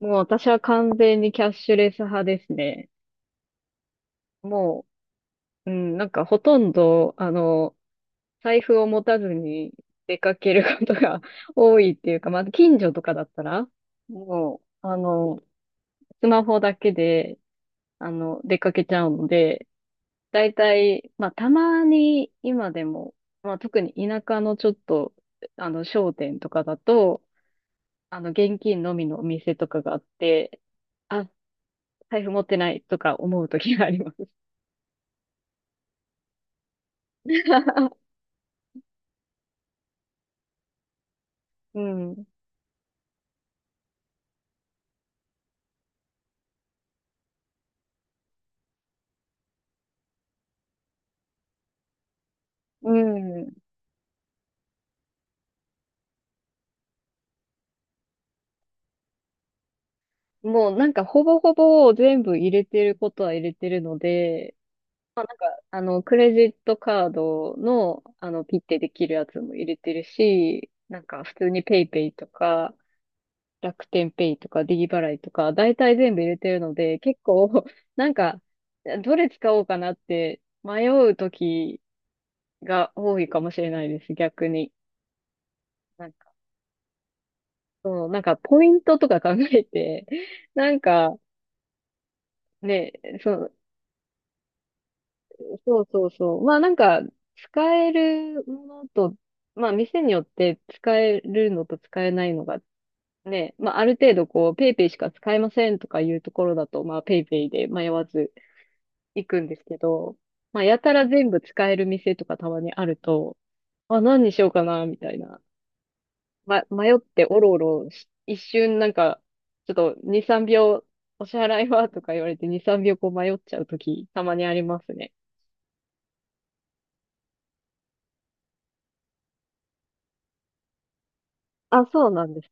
もう私は完全にキャッシュレス派ですね。もう、うん、なんかほとんど、財布を持たずに出かけることが 多いっていうか、まあ、近所とかだったら、もう、あの、スマホだけで、出かけちゃうので、だいたい、まあ、たまに今でも、まあ、特に田舎のちょっと、商店とかだと、現金のみのお店とかがあって、あ、財布持ってないとか思う時があります。うん。うん。もうなんかほぼほぼ全部入れてることは入れてるので、まあなんかクレジットカードのピッてできるやつも入れてるし、なんか普通にペイペイとか楽天ペイとか D 払いとか大体全部入れてるので、結構 なんかどれ使おうかなって迷う時が多いかもしれないです、逆に。なんか、そう、なんかポイントとか考えて、なんか、ね、そうそう。まあなんか、使えるものと、まあ店によって使えるのと使えないのがね、まあある程度こう、ペイペイしか使えませんとかいうところだと、まあペイペイで迷わず行くんですけど、まあやたら全部使える店とかたまにあると、あ、何にしようかな、みたいな。ま、迷っておろおろし、一瞬なんか、ちょっと2、3秒、お支払いはとか言われて2、3秒こう迷っちゃうとき、たまにありますね。あ、そうなんです。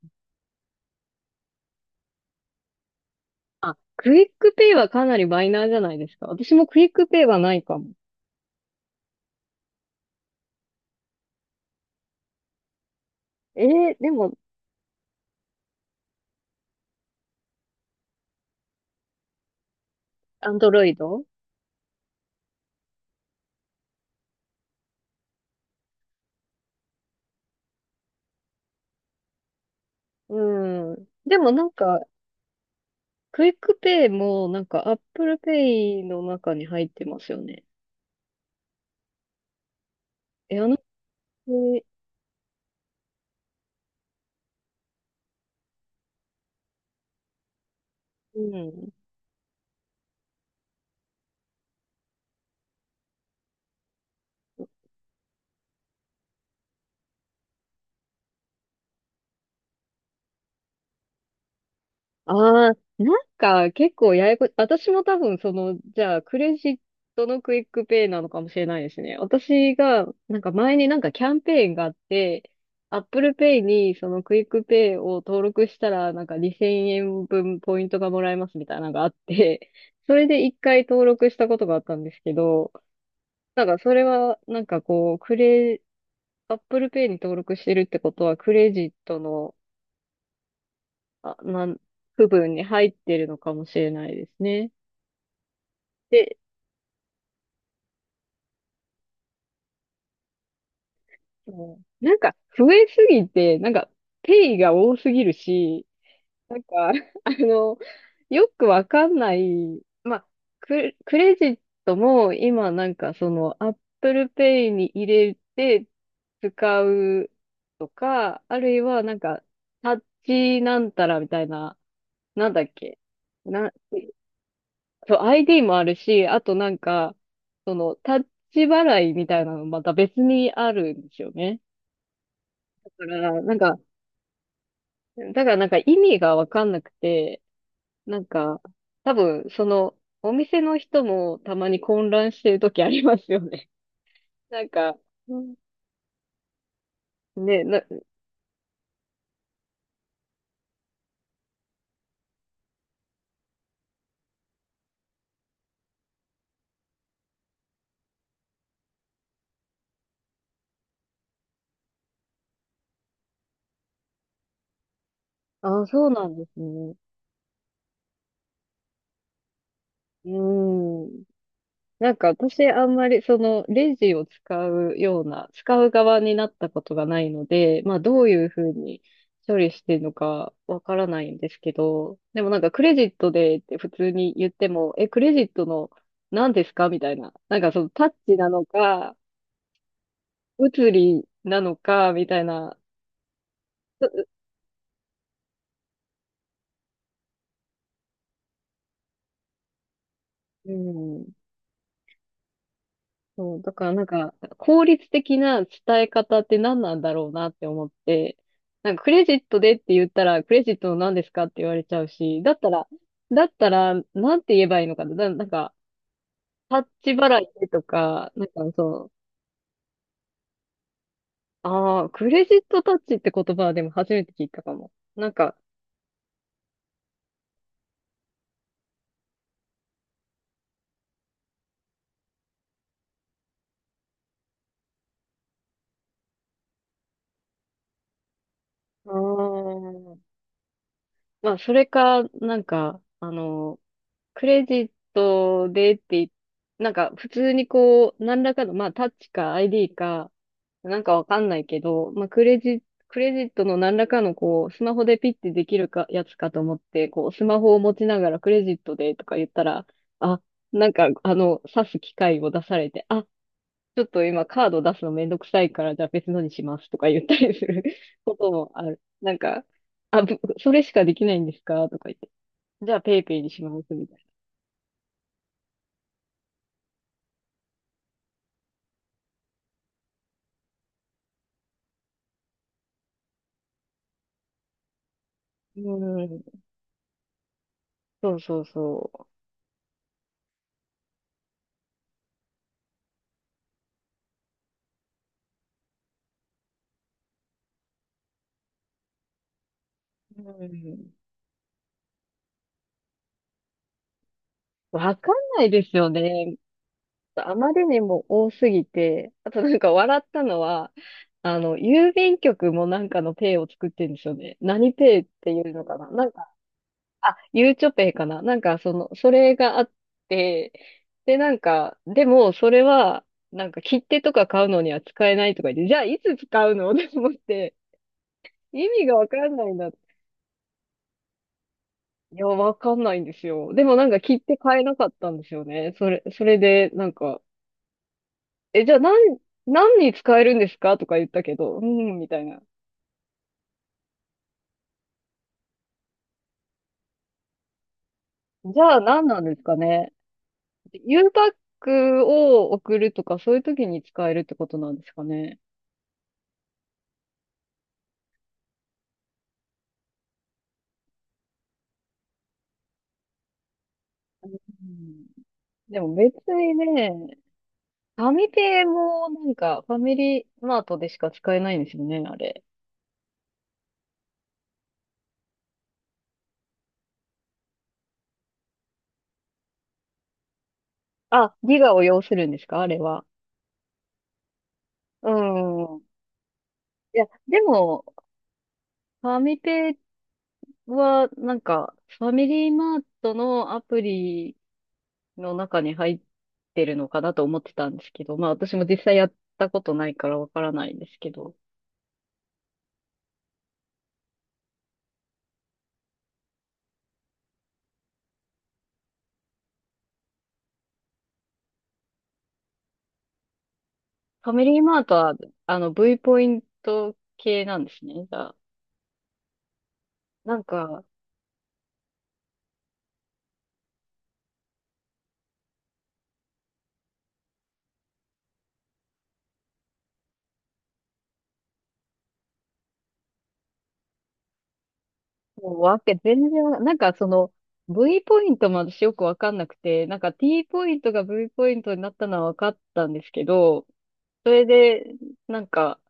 あ、クイックペイはかなりマイナーじゃないですか。私もクイックペイはないかも。えー、でも、アンドロイド、うん。でもなんか、クイックペイもなんか、アップルペイの中に入ってますよね。え、あの、うん。ああ、なんか結構ややこ、私も多分その、じゃあクレジットのクイックペイなのかもしれないですね。私が、なんか前になんかキャンペーンがあって、Apple Pay にそのクイックペイを登録したらなんか2000円分ポイントがもらえますみたいなのがあって、それで一回登録したことがあったんですけど、なんかそれはなんかこう、クレ、Apple Pay に登録してるってことはクレジットのあな部分に入ってるのかもしれないですね。で、もうなんか増えすぎて、なんかペイが多すぎるし、なんか、あの、よくわかんない、まあ、クレジットも今なんかその Apple Pay に入れて使うとか、あるいはなんかタッチなんたらみたいな、なんだっけ、な、そう、ID もあるし、あとなんか、その、タッチ払いみたいなのまた別にあるんですよね。だから、なんか、だからなんか意味がわかんなくて、なんか、多分、その、お店の人もたまに混乱してる時ありますよね。なんか、うんね、な、あ、そうなんですね。うーん。なんか私あんまりそのレジを使うような、使う側になったことがないので、まあどういうふうに処理してるのかわからないんですけど、でもなんかクレジットでって普通に言っても、え、クレジットの何ですかみたいな。なんかそのタッチなのか、物理なのか、みたいな。うん。そう、だからなんか、効率的な伝え方って何なんだろうなって思って、なんかクレジットでって言ったら、クレジットの何ですかって言われちゃうし、だったら、なんて言えばいいのかな、なんか、タッチ払いでとか、なんかそう、ああ、クレジットタッチって言葉はでも初めて聞いたかも。なんか、ああ、まあ、それか、なんか、クレジットでって、なんか、普通にこう、何らかの、まあ、タッチか ID か、なんかわかんないけど、まあ、クレジットの何らかのこう、スマホでピッてできるか、やつかと思って、こう、スマホを持ちながらクレジットでとか言ったら、あ、なんか、あの、指す機械を出されて、あ、ちょっと今カード出すのめんどくさいから、じゃあ別のにしますとか言ったりする こともある。なんか、あ、ぶそれしかできないんですかとか言って。じゃあペイペイにしますみたいな。うん。そうそうそう。うん。わかんないですよね。とあまりにも多すぎて、あとなんか笑ったのは、あの、郵便局もなんかのペイを作ってるんですよね。何ペイっていうのかななんか、あ、ゆうちょペイかななんかその、それがあって、でなんか、でもそれは、なんか切手とか買うのには使えないとか言って、じゃあいつ使うの って思って、意味がわかんないなって。いや、わかんないんですよ。でもなんか切手買えなかったんですよね。それでなんか、え、じゃあ何、何に使えるんですかとか言ったけど、うん、みたいな。じゃあ何なんですかね。U パックを送るとか、そういう時に使えるってことなんですかね。うん、でも別にね、ファミペイもなんか、ファミリーマートでしか使えないんですよね、あれ。あ、ギガを要するんですかあれは。うん。いや、でも、ファミペイは、なんか、ファミリーマートのアプリの中に入ってるのかなと思ってたんですけど、まあ私も実際やったことないからわからないんですけど、ファミリーマートは、あの、V ポイント系なんですね。じゃあ、なんか、もうわけ、全然わ、なんかその、V ポイントも私よくわかんなくて、なんか T ポイントが V ポイントになったのはわかったんですけど、それで、なんか、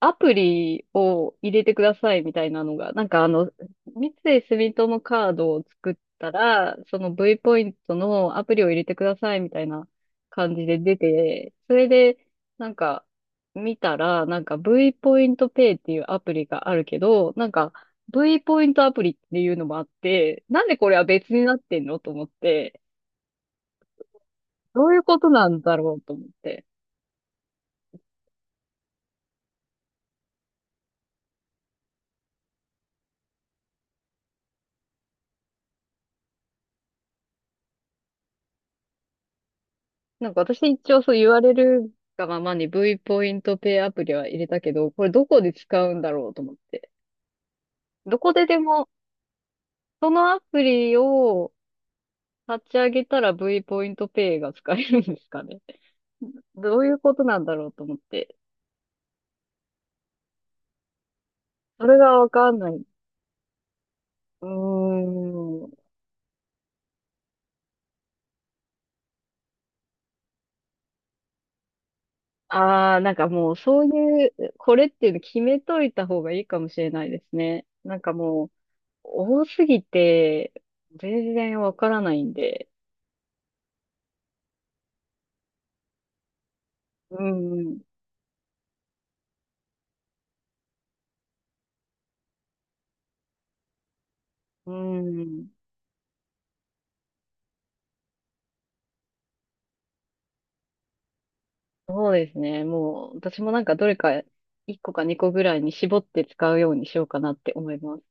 アプリを入れてくださいみたいなのが、なんかあの、三井住友カードを作ったら、その V ポイントのアプリを入れてくださいみたいな感じで出て、それで、なんか、見たら、なんか V ポイントペイっていうアプリがあるけど、なんか V ポイントアプリっていうのもあって、なんでこれは別になってんのと思って、どういうことなんだろうと思って。なんか私一応そう言われるがままに V ポイントペイアプリは入れたけど、これどこで使うんだろうと思って。どこででも、そのアプリを立ち上げたら V ポイントペイが使えるんですかね。どういうことなんだろうと思って。それがわかんない。うーん。ああ、なんかもうそういう、これっていうの決めといた方がいいかもしれないですね。なんかもう、多すぎて、全然わからないんで。うん。うん。そうですね。もう、私もなんかどれか1個か2個ぐらいに絞って使うようにしようかなって思います。